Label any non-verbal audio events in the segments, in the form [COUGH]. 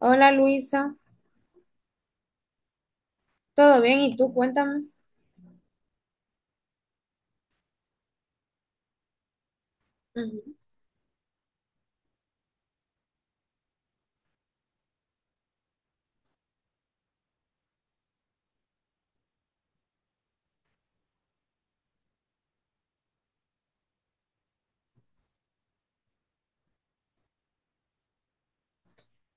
Hola Luisa, ¿todo bien? ¿Y tú? Cuéntame. Ujú.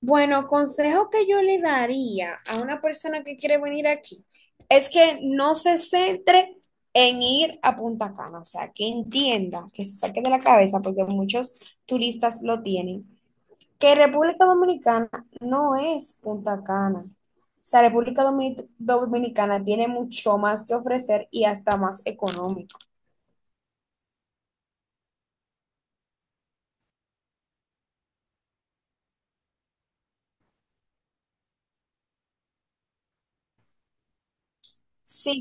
Bueno, consejo que yo le daría a una persona que quiere venir aquí es que no se centre en ir a Punta Cana, o sea, que entienda, que se saque de la cabeza, porque muchos turistas lo tienen, que República Dominicana no es Punta Cana. O sea, República Dominicana tiene mucho más que ofrecer y hasta más económico. Si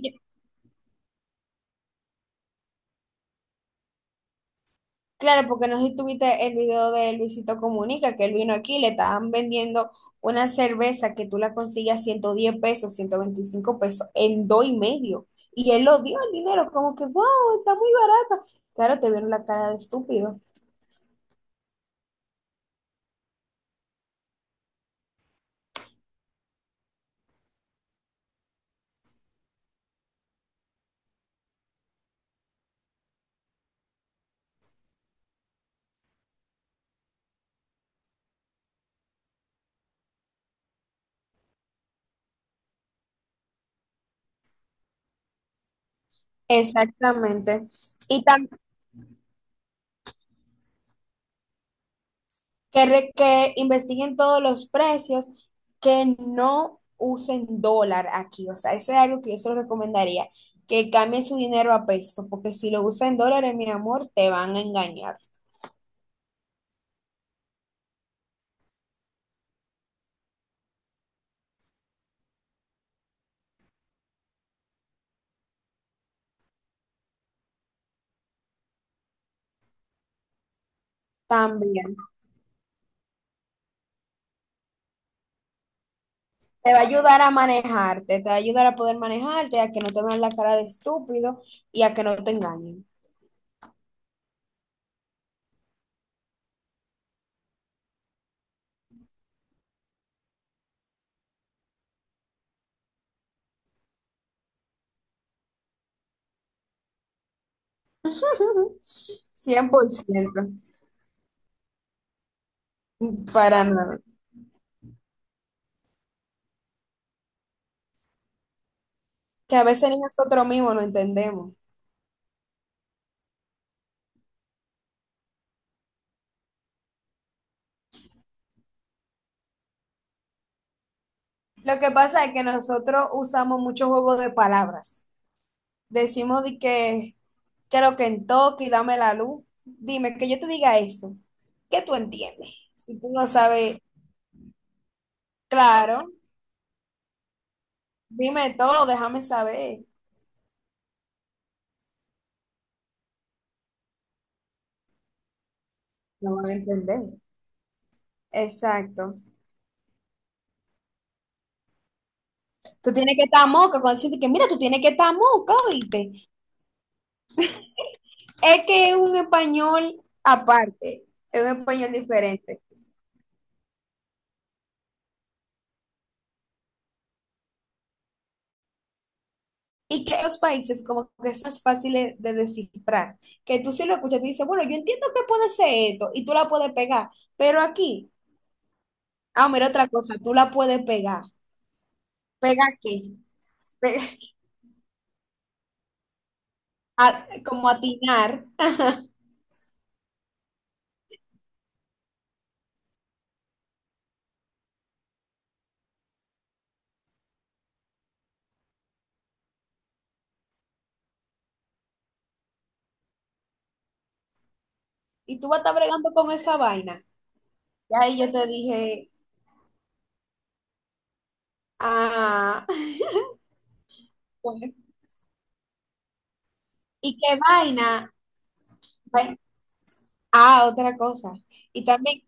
Claro, porque no sé si tuviste el video de Luisito Comunica, que él vino aquí, le estaban vendiendo una cerveza que tú la consigues a 110 pesos, 125 pesos, en dos y medio. Y él lo dio el dinero, como que, wow, está muy barato. Claro, te vieron la cara de estúpido. Exactamente. Y también que, que investiguen todos los precios, que no usen dólar aquí. O sea, eso es algo que yo se lo recomendaría, que cambien su dinero a peso, porque si lo usan en dólares, mi amor, te van a engañar. También te va a ayudar a manejarte, te va a ayudar a poder manejarte, a que no te vean la cara de estúpido y a que no te engañen. [LAUGHS] 100% para nada. Que a veces ni nosotros mismos no entendemos. Lo que pasa es que nosotros usamos mucho juego de palabras. Decimos de que creo que en toque y dame la luz. Dime, que yo te diga eso. ¿Qué tú entiendes? Si tú no sabes, claro, dime todo, déjame saber. No van a entender. Exacto. Tú tienes que estar moca cuando dicen de que, mira, tú tienes que estar moca, ¿oíste? Es que es un español aparte, es un español diferente. Y que los países como que son más fáciles de descifrar. Que tú si lo escuchas, tú dices, bueno, yo entiendo que puede ser esto y tú la puedes pegar, pero aquí Ah, mira otra cosa, tú la puedes pegar. ¿Pega qué? Pe- [LAUGHS] como atinar. Y tú vas a estar bregando con esa vaina. Y ahí yo te dije, ah, [LAUGHS] pues, ¿y qué vaina? Bueno, ah, otra cosa. Y también,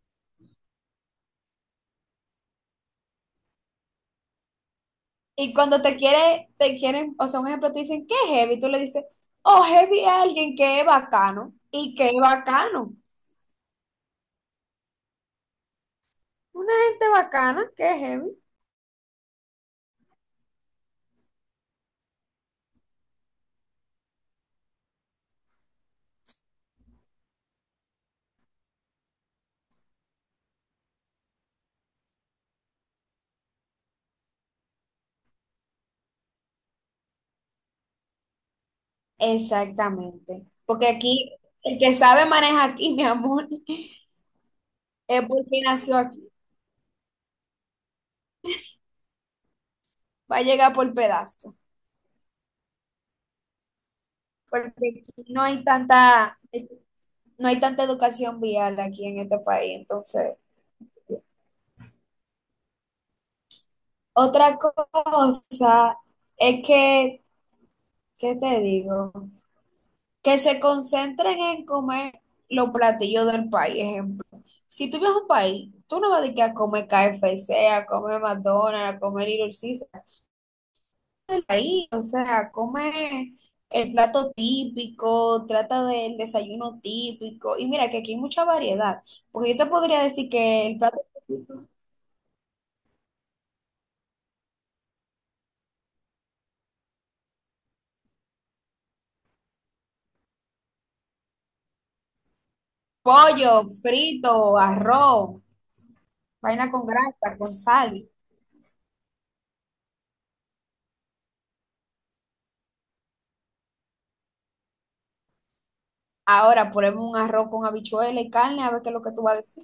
y cuando te quiere, te quieren, o sea, un ejemplo, te dicen, ¿qué heavy? Tú le dices, oh, heavy es alguien que es bacano. ¿Y qué bacano? Una gente bacana, ¿qué heavy? Exactamente. Porque aquí, el que sabe maneja aquí, [LAUGHS] mi amor. Es porque nació aquí, va a llegar por pedazo, porque aquí no hay tanta, no hay tanta educación vial aquí en este país, entonces. Otra cosa es que, ¿qué te digo? Que se concentren en comer los platillos del país, ejemplo. Si tú vives a un país, tú no vas a ir a comer KFC, a comer McDonald's, a comer Little Caesar, del país, o sea, come el plato típico, trata del desayuno típico, y mira que aquí hay mucha variedad, porque yo te podría decir que el plato típico, pollo, frito, arroz, vaina con grasa, con sal. Ahora ponemos un arroz con habichuela y carne, a ver qué es lo que tú vas a decir.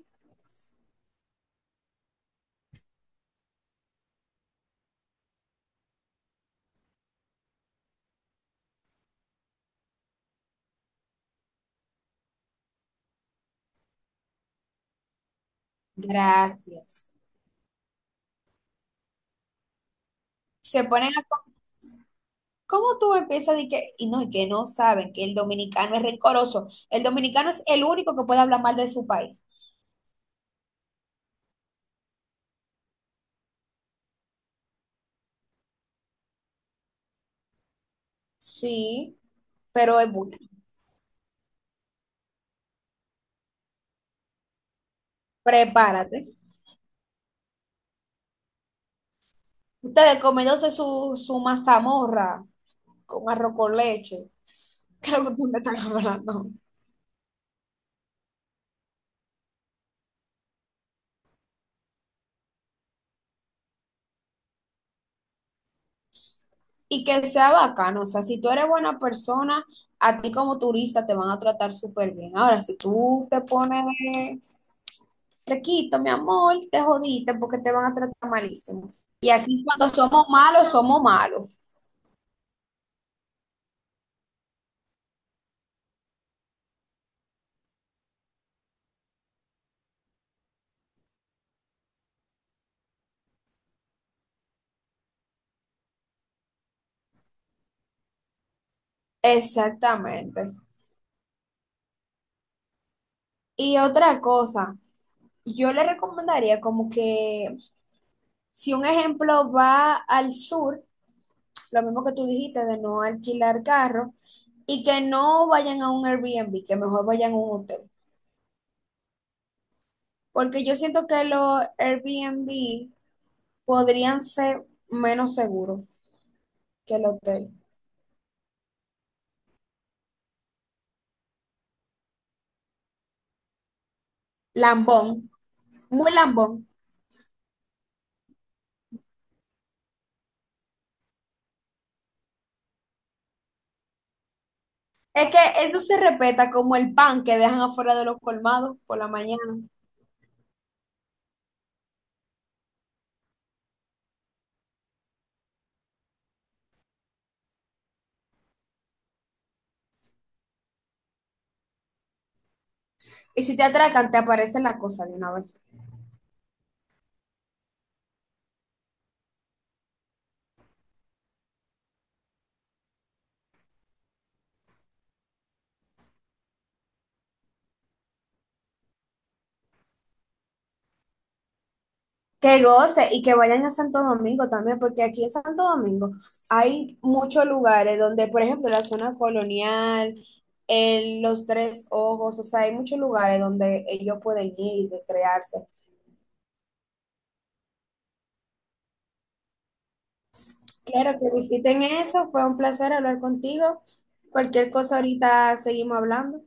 Gracias. Se ponen a. ¿Cómo tú empiezas de que, y no, y que no saben que el dominicano es rencoroso? El dominicano es el único que puede hablar mal de su país. Sí, pero es bueno. Prepárate. Ustedes comiéndose su, su mazamorra con arroz con leche. [LAUGHS] Creo que tú me estás hablando. Y que sea bacano. O sea, si tú eres buena persona, a ti como turista te van a tratar súper bien. Ahora, si tú te pones de requito, mi amor, te jodiste porque te van a tratar malísimo. Y aquí cuando somos malos, somos malos. Exactamente. Y otra cosa, yo le recomendaría como que si un ejemplo va al sur, lo mismo que tú dijiste de no alquilar carro y que no vayan a un Airbnb, que mejor vayan a un hotel. Porque yo siento que los Airbnb podrían ser menos seguros que el hotel. Lambón, muy lambón. Es que eso se respeta como el pan que dejan afuera de los colmados por la mañana. Y si te atracan, te aparece la cosa de una vez. Que goce y que vayan a Santo Domingo también, porque aquí en Santo Domingo hay muchos lugares donde, por ejemplo, la zona colonial, los Tres Ojos, o sea, hay muchos lugares donde ellos pueden ir y recrearse. Claro que visiten eso, fue un placer hablar contigo. Cualquier cosa ahorita seguimos hablando.